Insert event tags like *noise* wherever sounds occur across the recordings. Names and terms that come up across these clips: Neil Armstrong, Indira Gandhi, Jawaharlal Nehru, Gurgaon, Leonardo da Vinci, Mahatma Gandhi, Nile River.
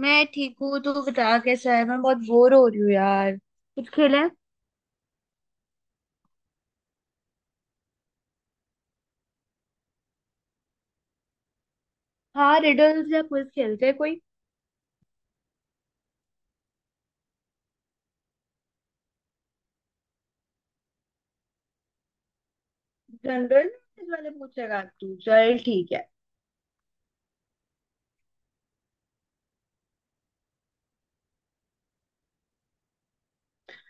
मैं ठीक हूँ। तू बता, कैसा है? मैं बहुत बोर हो रही हूँ यार, कुछ खेलें? हाँ, रिडल्स या क्विज खेलते हैं कोई। जनरल नॉलेज वाले पूछेगा तू? चल ठीक है।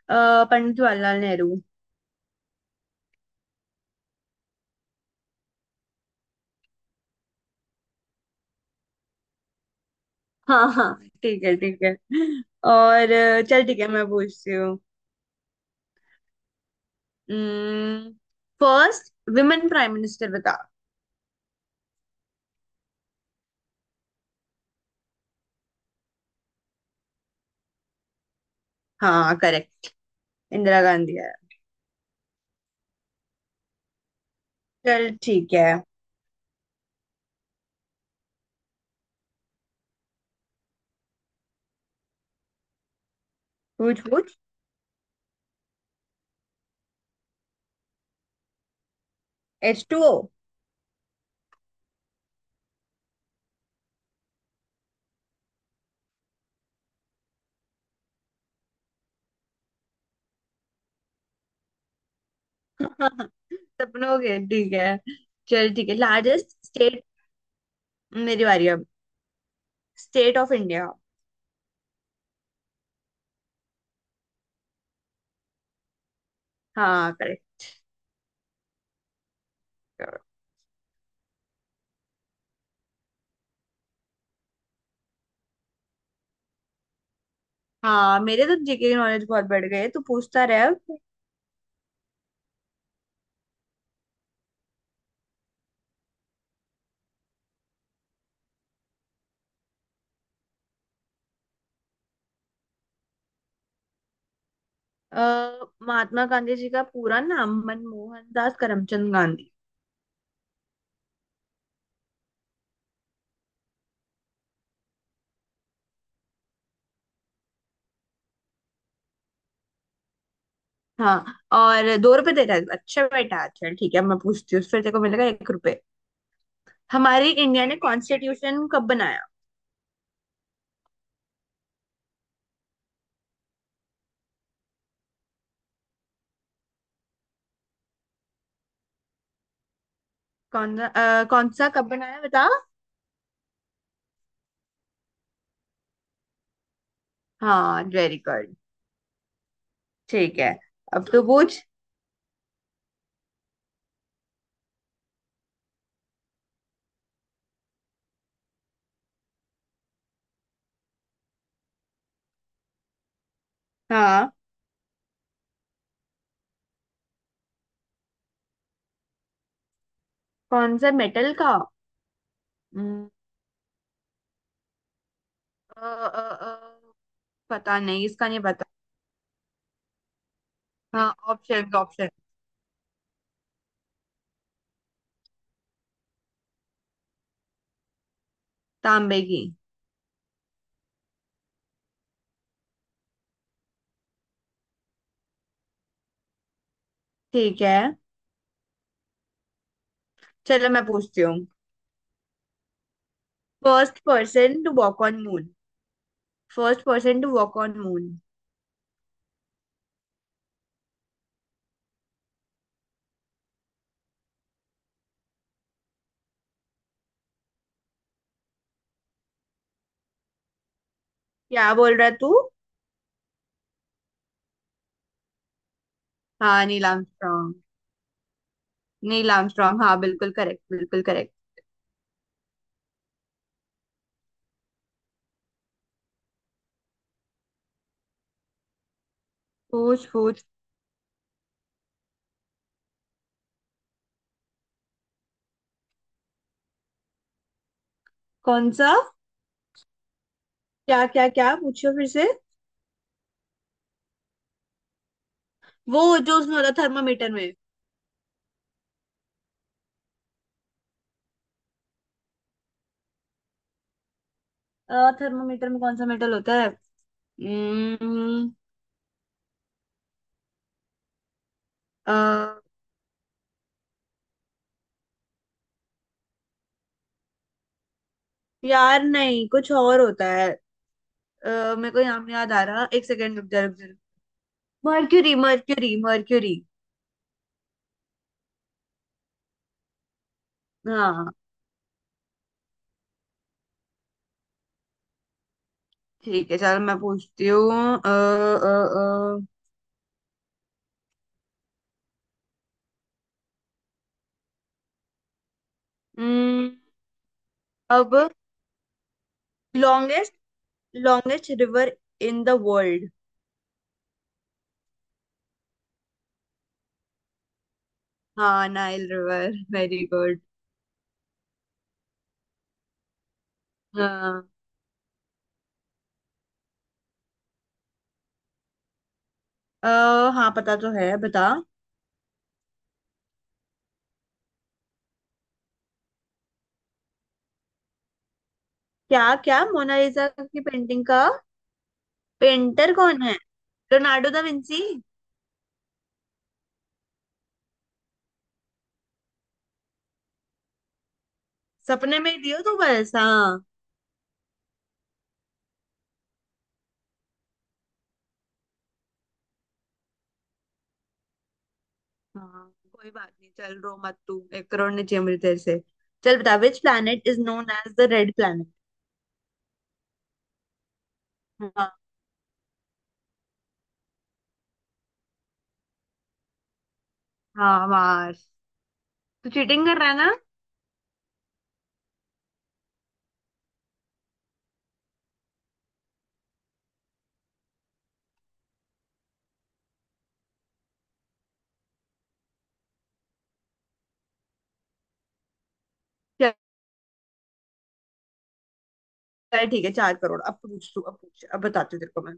पंडित जवाहरलाल नेहरू। हाँ हाँ। ठीक है, ठीक है। और चल ठीक है, मैं पूछती हूँ। फर्स्ट विमेन प्राइम मिनिस्टर बता। हाँ, करेक्ट। इंदिरा गांधी है। चल ठीक है, पूछ पूछ। H2O। *laughs* सपनों के, ठीक है। चल ठीक है, लार्जेस्ट स्टेट। मेरी बारी अब। State of India. हाँ, करेक्ट। हाँ, मेरे तो जीके की नॉलेज बहुत बढ़ गई है। तू पूछता रहे अब। महात्मा गांधी जी का पूरा नाम मनमोहन दास करमचंद गांधी। हाँ। और 2 रुपए दे रहा है? अच्छा बेटा, चल ठीक है। अब मैं पूछती हूँ, फिर तेरे को मिलेगा 1 रुपए। हमारी इंडिया ने कॉन्स्टिट्यूशन कब बनाया? कौन सा? कौन सा कब बनाया, बता। हाँ, वेरी गुड। ठीक है, अब तो पूछ। हाँ। कौन सा मेटल का? हम्म, अ, अ, अ, पता नहीं, इसका नहीं पता। हाँ, ऑप्शन ऑप्शन। तांबे की। ठीक है, चलो मैं पूछती हूँ। First person to walk on moon. First person to walk on moon. क्या बोल रहा है तू? हाँ, नील आर्मस्ट्रॉन्ग। नील आर्मस्ट्रॉन्ग, हाँ बिल्कुल करेक्ट, बिल्कुल करेक्ट। पूछ पूछ। कौन सा? क्या क्या क्या, पूछो फिर से। वो जो उसमें होता है, थर्मामीटर में। थर्मामीटर में कौन सा मेटल होता है? हम्म, अ, यार नहीं, कुछ और होता है। मेरे को नाम नहीं याद आ रहा, एक सेकेंड, रुक जा रुक जा। Mercury mercury mercury. हाँ। ठीक है, चलो मैं पूछती हूँ। अ, अ, अ, हम्म, अब longest longest river in the world. हाँ, नाइल रिवर। Very good. हाँ अ, हाँ, पता तो है, बता। क्या क्या, मोनालिसा की पेंटिंग का पेंटर कौन है? Leonardo da Vinci. सपने में ही दियो तू बस। हाँ। हाँ कोई बात नहीं, चल रो मत तू। 1 करोड़ ने चाहिए मुझे तेरे से। चल बता, which planet is known as the red planet? हाँ हाँ हाँ। तो चीटिंग कर रहा है ना? चल चल, ठीक है, 4 करोड़। अब पूछ तू, अब पूछ, अब बताती हूँ तेरे को मैं।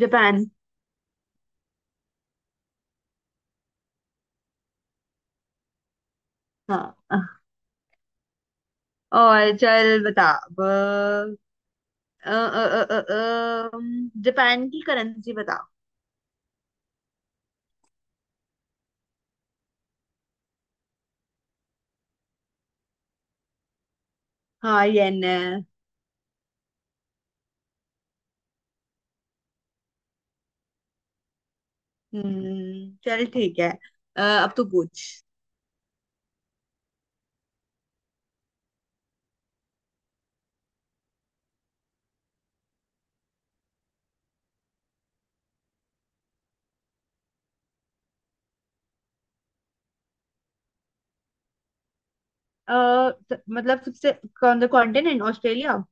जापान। हाँ। और चल बता अब जापान की करेंसी बता। हाँ, येन है। हम्म, चल ठीक है। अब तू पूछ। अ, मतलब सबसे कौन सा कॉन्टिनेंट? ऑस्ट्रेलिया।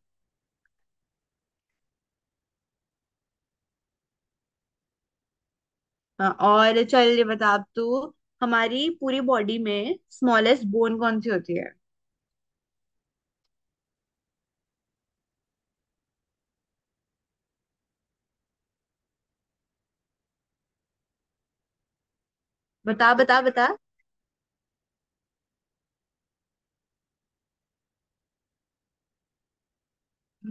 हाँ। और चल ये बता अब तू, हमारी पूरी बॉडी में स्मॉलेस्ट बोन कौन सी होती है? बता बता बता।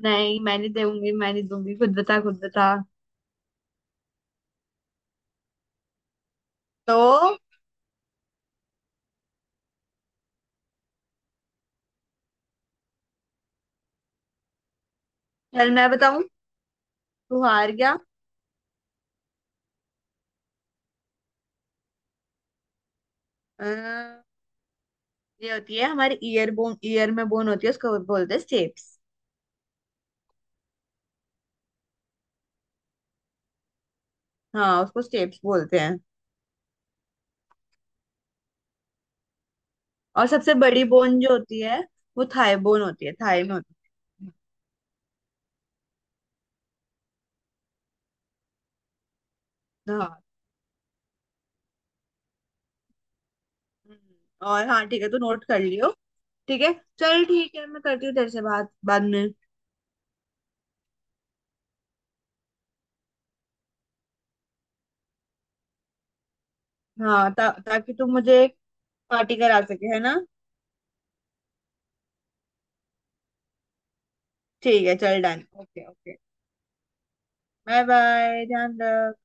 नहीं, मैं नहीं दूंगी, मैं नहीं दूंगी, खुद बता, खुद बता। तो चल, मैं बताऊं। तू हार गया। अ, ये होती है हमारे ईयर बोन। ईयर में बोन होती है, उसको बोलते हैं स्टेप्स। हाँ, उसको स्टेप्स बोलते हैं। और सबसे बड़ी बोन जो होती है, वो थाई बोन होती है। थाई में होती है। हाँ हम्म, और हाँ ठीक है, तू नोट कर लियो। ठीक है। चल ठीक है, मैं करती हूँ तेरे से बात बाद में। हाँ ताकि तू मुझे पार्टी करा सके, है ना? ठीक है, चल done, okay okay. Bye bye, ध्यान रख।